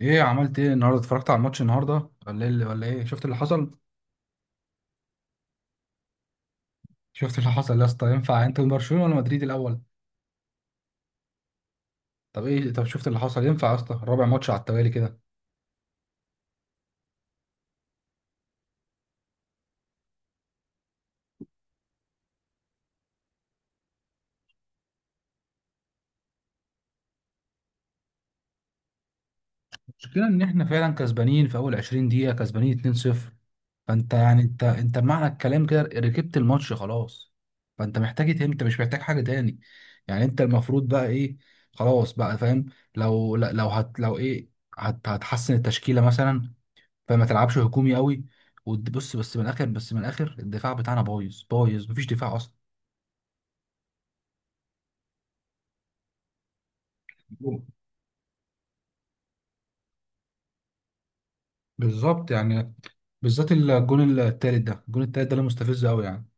عملت ايه النهارده؟ اتفرجت على الماتش النهارده ولا ايه؟ شفت اللي حصل؟ شفت اللي حصل يا اسطى؟ ينفع انت من برشلونه ولا مدريد الاول؟ طب، طب شفت اللي حصل؟ ينفع يا اسطى رابع ماتش على التوالي كده؟ المشكله ان احنا فعلا كسبانين في اول 20 دقيقه، كسبانين 2-0. فانت يعني انت انت بمعنى الكلام كده ركبت الماتش خلاص. فانت محتاج إيه تاني؟ انت مش محتاج حاجه تاني. يعني انت المفروض بقى ايه؟ خلاص بقى فاهم. لو لو هت لو ايه هت هتحسن التشكيله مثلا، فما تلعبش هجومي قوي. وبص، بس من الاخر الدفاع بتاعنا بايظ بايظ، مفيش دفاع اصلا. بالظبط يعني. بالذات الجون التالت ده، الجون التالت ده اللي مستفز قوي يعني.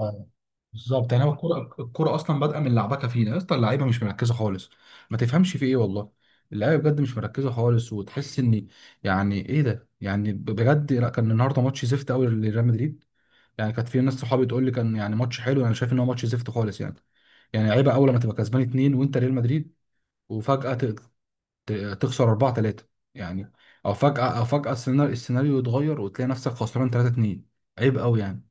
آه، بالظبط يعني. هو الكوره، الكوره اصلا بادئه من لعبكه فينا يا اسطى، اللعيبه مش مركزه خالص. ما تفهمش في ايه والله. اللعيبه بجد مش مركزه خالص، وتحس ان يعني ايه ده. يعني بجد لا، كان النهارده ماتش زفت قوي لريال مدريد. يعني كانت في ناس صحابي تقول لي كان يعني ماتش حلو، انا شايف ان هو ماتش زفت خالص يعني. يعني عيبه، اول لما تبقى كسبان اتنين وانت ريال مدريد وفجأة تخسر 4 3 يعني. او فجأة السيناريو يتغير وتلاقي نفسك خسران 3 2. عيب قوي يعني.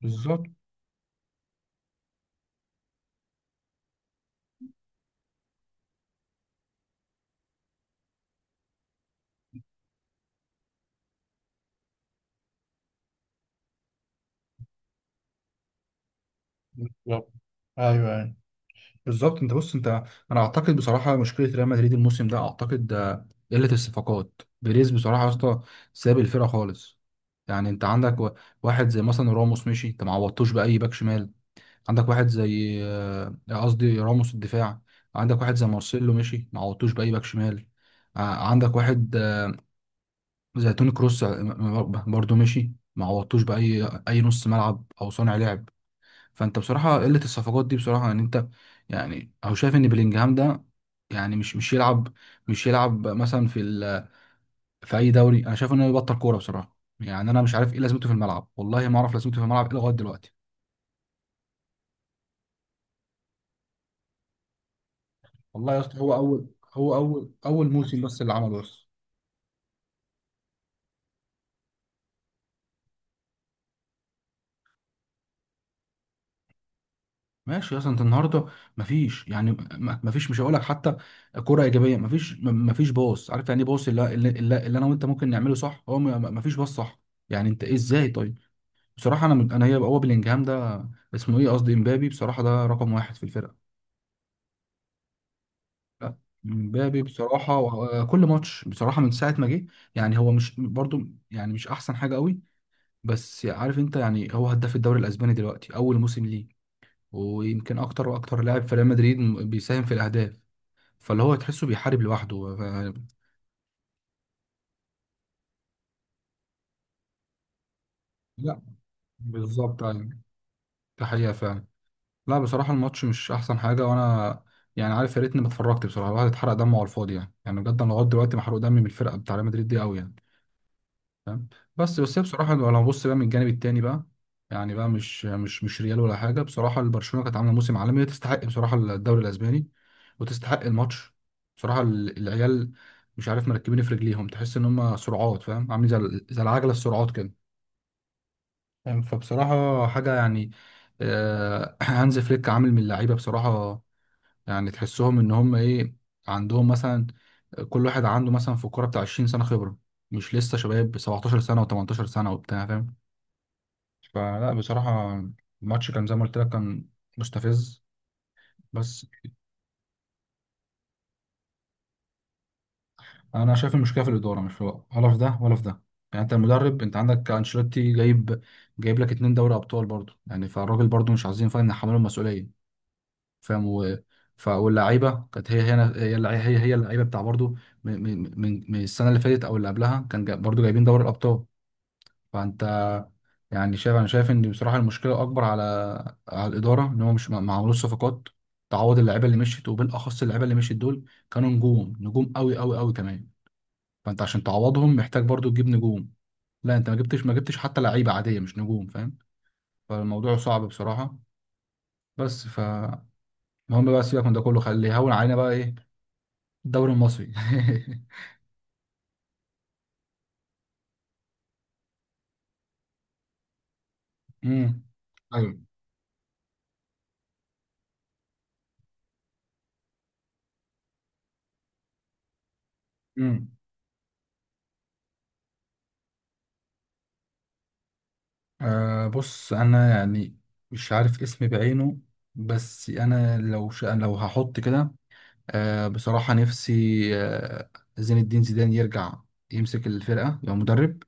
بالظبط. بالظبط، ايوه. انت بص. انا اعتقد بصراحه مشكله ريال مدريد الموسم ده، اعتقد قله الصفقات. بيريز بصراحه يا اسطى ساب الفرقه خالص. يعني انت عندك و- واحد زي مثلا راموس مشي، انت ما عوضتوش باي باك شمال. عندك واحد زي قصدي راموس الدفاع. عندك واحد زي مارسيلو مشي، ما عوضتوش باي باك شمال. عندك واحد زي توني كروس برضه مشي، ما عوضتوش باي اي نص ملعب او صانع لعب. فانت بصراحه قله الصفقات دي بصراحه يعني انت. يعني او شايف ان بلينجهام ده يعني مش يلعب، مش يلعب مثلا في اي دوري. انا شايف انه يبطل كوره بصراحه. يعني انا مش عارف ايه لازمته في الملعب، والله ما اعرف لازمته في الملعب إيه لغايه دلوقتي. والله يا اسطى هو اول موسم بس اللي عمله بس. ماشي. اصلا انت النهارده مفيش يعني مفيش مش هقول لك حتى كرة ايجابيه. مفيش باص. عارف يعني ايه باص؟ اللي انا وانت ممكن نعمله صح، هو مفيش باص صح. يعني انت ايه؟ ازاي طيب؟ بصراحه انا من- انا هي هو بلينجهام ده اسمه ايه، قصدي امبابي، بصراحه ده رقم واحد في الفرقه. لا، امبابي بصراحه كل ماتش بصراحه من ساعه ما جه. يعني هو مش برضو يعني مش احسن حاجه قوي. بس عارف انت يعني هو هداف الدوري الاسباني دلوقتي اول موسم ليه، ويمكن اكتر. واكتر لاعب في ريال مدريد بيساهم في الاهداف. فاللي هو تحسه بيحارب لوحده ف... لا، بالظبط، ايوه. ده حقيقة فعلا. لا بصراحة الماتش مش أحسن حاجة، وأنا يعني عارف يا ريتني ما اتفرجت. بصراحة الواحد اتحرق دمه على الفاضي يعني. يعني بجد أنا لغاية دلوقتي محروق دمي من الفرقة بتاع ريال مدريد دي أوي يعني، فاهم. بس هي بصراحة لو هنبص بقى من الجانب التاني بقى، يعني بقى مش ريال ولا حاجة. بصراحة البرشلونة كانت عاملة موسم عالمي، تستحق بصراحة الدوري الأسباني وتستحق الماتش. بصراحة العيال مش عارف مركبين في رجليهم، تحس إن هم سرعات. فاهم، عاملين زي العجلة السرعات كده. فاهم؟ فبصراحة حاجة يعني. هانز فليك عامل من اللعيبة بصراحة. يعني تحسهم إن هم إيه، عندهم مثلا، كل واحد عنده مثلا في الكورة بتاع 20 سنة خبرة، مش لسه شباب 17 سنة و18 سنة وبتاع، فاهم. فلا بصراحة الماتش كان زي ما قلت لك، كان مستفز بس. أنا شايف المشكلة في الإدارة، مش في ولا في ده ولا في ده. يعني أنت المدرب، أنت عندك أنشيلوتي جايب لك اتنين دوري أبطال برضه يعني. فالراجل برضه مش عايزين فاهم نحمله المسؤولية. فاهم. و... ف... واللعيبه كانت هي هنا هي اللع- هي هي اللعيبه بتاع برضو من السنه اللي فاتت او اللي قبلها، كان برضو جايبين دوري الابطال. فانت يعني شايف، انا شايف ان بصراحه المشكله اكبر على على الاداره، ان هم مش ما عملوش صفقات تعوض اللعيبه اللي مشيت، وبالاخص اللعيبه اللي مشيت دول كانوا نجوم، نجوم قوي كمان. فانت عشان تعوضهم محتاج برضو تجيب نجوم. لا، انت ما جبتش حتى لعيبه عاديه، مش نجوم، فاهم. فالموضوع صعب بصراحه بس. ف المهم بقى سيبك من ده كله، خليه يهون علينا بقى ايه، الدوري المصري. امم ايوه. امم بص انا يعني مش عارف اسمي بعينه، بس انا لو هحط كده، بصراحة نفسي آه زين الدين زيدان يرجع يمسك الفرقة، يبقى مدرب.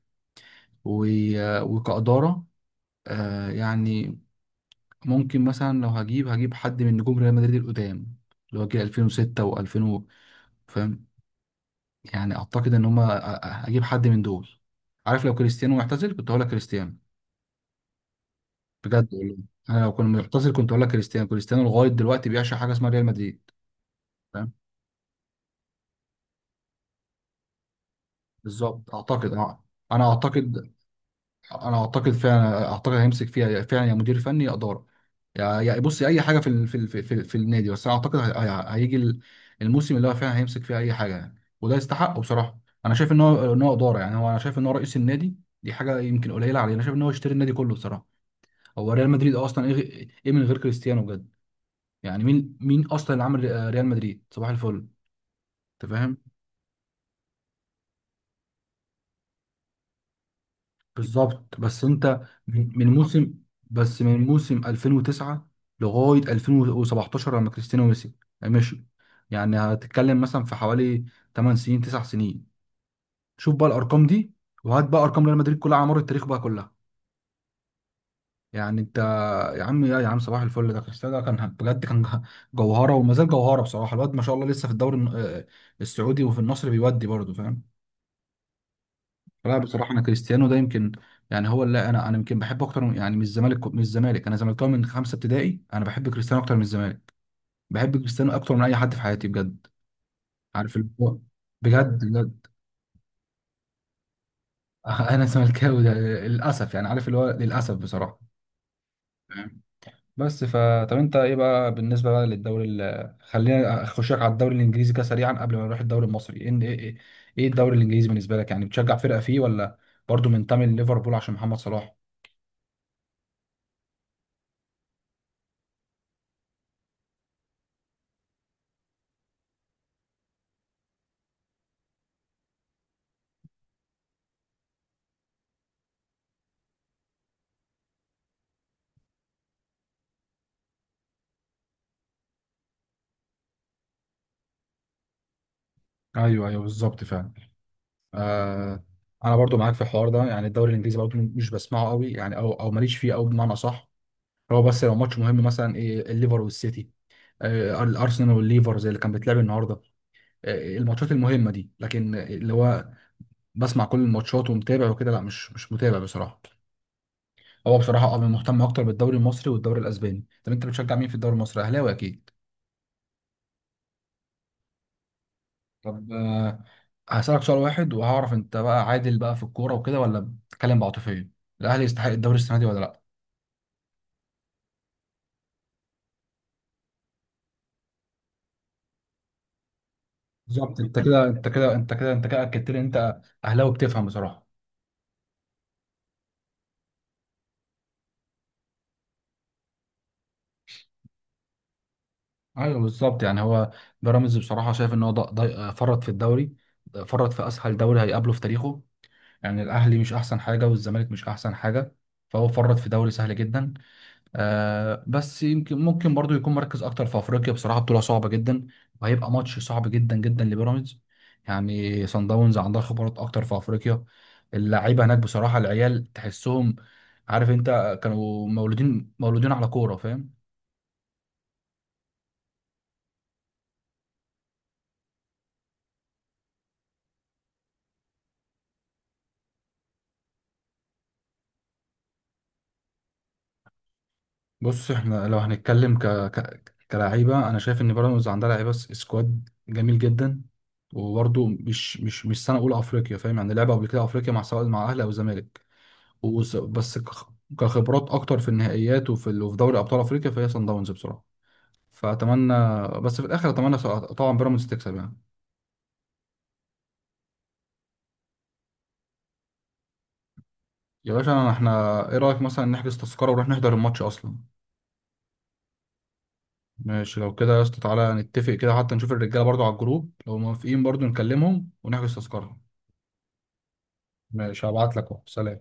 و... وكإدارة، يعني ممكن مثلا لو هجيب حد من نجوم ريال مدريد القدام، اللي هو جه 2006 و2000، فاهم. يعني اعتقد ان هما اجيب حد من دول. عارف لو كريستيانو معتزل كنت هقول لك كريستيانو، بجد والله. انا لو كان معتزل كنت هقول لك كريستيانو. كريستيانو لغايه دلوقتي بيعشق حاجه اسمها ريال مدريد، فاهم. بالظبط اعتقد. اه انا اعتقد. انا اعتقد فعلا، اعتقد هيمسك فيها فعلا يا مدير فني يا اداره. بص، يا اي حاجه في ال- في ال- في, في, في النادي. بس انا اعتقد هيجي الموسم اللي هو فعلا هيمسك فيه اي حاجه يعني، وده يستحقه بصراحه. انا شايف ان هو اداره يعني. هو انا شايف ان هو رئيس النادي، دي حاجه يمكن قليله عليه. انا شايف ان هو يشتري النادي كله بصراحه. هو ريال مدريد اصلا ايه، ايه من غير كريستيانو؟ بجد يعني مين، مين اصلا اللي عمل ريال مدريد صباح الفل؟ انت فاهم. بالظبط. بس انت من من موسم بس من موسم 2009 لغايه 2017 لما كريستيانو مشي، مشي، يعني هتتكلم مثلا في حوالي 8 سنين 9 سنين. شوف بقى الارقام دي، وهات بقى ارقام ريال مدريد كلها على مر التاريخ بقى كلها، يعني انت. يا عم صباح الفل ده، كريستيانو ده كان بجد كان جوهره، وما زال جوهره بصراحه. الواد ما شاء الله لسه في الدوري السعودي، وفي النصر بيودي برضه، فاهم. لا بصراحه انا كريستيانو ده يمكن يعني هو اللي انا يمكن بحبه اكتر من الزمالك. من الزمالك انا زملكاوي من خمسه ابتدائي، انا بحب كريستيانو اكتر من الزمالك. بحب كريستيانو اكتر من اي حد في حياتي، بجد. عارف اللي هو، بجد بجد. انا زملكاوي ده للاسف يعني. عارف اللي هو للاسف بصراحه. بس ف طب انت ايه بقى بالنسبه بقى خلينا اخشك على الدوري الانجليزي كده سريعا قبل ما نروح الدوري المصري. ايه الدوري الانجليزي بالنسبه لك؟ يعني بتشجع فرقه فيه، ولا برضو منتمي لليفربول عشان محمد صلاح؟ ايوه ايوه بالظبط فعلا. آه انا برضو معاك في الحوار ده. يعني الدوري الانجليزي برضو مش بسمعه قوي يعني، او ماليش فيه قوي بمعنى صح. هو بس لو ماتش مهم مثلا ايه، الليفر والسيتي، آه الارسنال والليفر زي اللي كان بيتلعب النهارده، آه الماتشات المهمه دي. لكن اللي هو بسمع كل الماتشات ومتابع وكده، لا مش متابع بصراحه. هو بصراحه اه مهتم اكتر بالدوري المصري والدوري الاسباني. طب انت بتشجع مين في الدوري المصري؟ اهلاوي اكيد. طب هسالك سؤال واحد وهعرف انت بقى عادل بقى في الكوره وكده، ولا بتتكلم بعاطفيه. الاهلي يستحق الدوري السنه دي ولا لا؟ بالظبط، انت كده اكدت لي ان انت اهلاوي بتفهم بصراحه. ايوه بالظبط يعني. هو بيراميدز بصراحه شايف ان هو فرط في الدوري، فرط في اسهل دوري هيقابله في تاريخه. يعني الأهلي مش أحسن حاجة، والزمالك مش أحسن حاجة، فهو فرط في دوري سهل جدا. آه بس يمكن ممكن برضو يكون مركز أكتر في أفريقيا. بصراحة بطولة صعبة جدا، وهيبقى ماتش صعب جدا جدا لبيراميدز. يعني صن داونز عندها خبرات أكتر في أفريقيا. اللعيبة هناك بصراحة العيال تحسهم، عارف أنت، كانوا مولودين على كورة، فاهم. بص احنا لو هنتكلم كلعيبه، انا شايف ان بيراميدز عندها لعيبه سكواد جميل جدا. وبرده مش سنه اولى افريقيا، فاهم يعني، لعبه قبل كده افريقيا مع، سواء مع اهلي او زمالك. وس... بس كخ... كخبرات اكتر في النهائيات وفي دوري ابطال افريقيا، فهي صن داونز بصراحه. فاتمنى، بس في الاخر اتمنى طبعا بيراميدز تكسب يعني. يا باشا احنا ايه رايك مثلا نحجز تذكره ونروح نحضر الماتش اصلا؟ ماشي لو كده يا اسطى، تعالى نتفق كده حتى نشوف الرجاله برضو على الجروب لو موافقين، برضو نكلمهم ونحجز تذكره. ماشي هبعت لك اهو، سلام.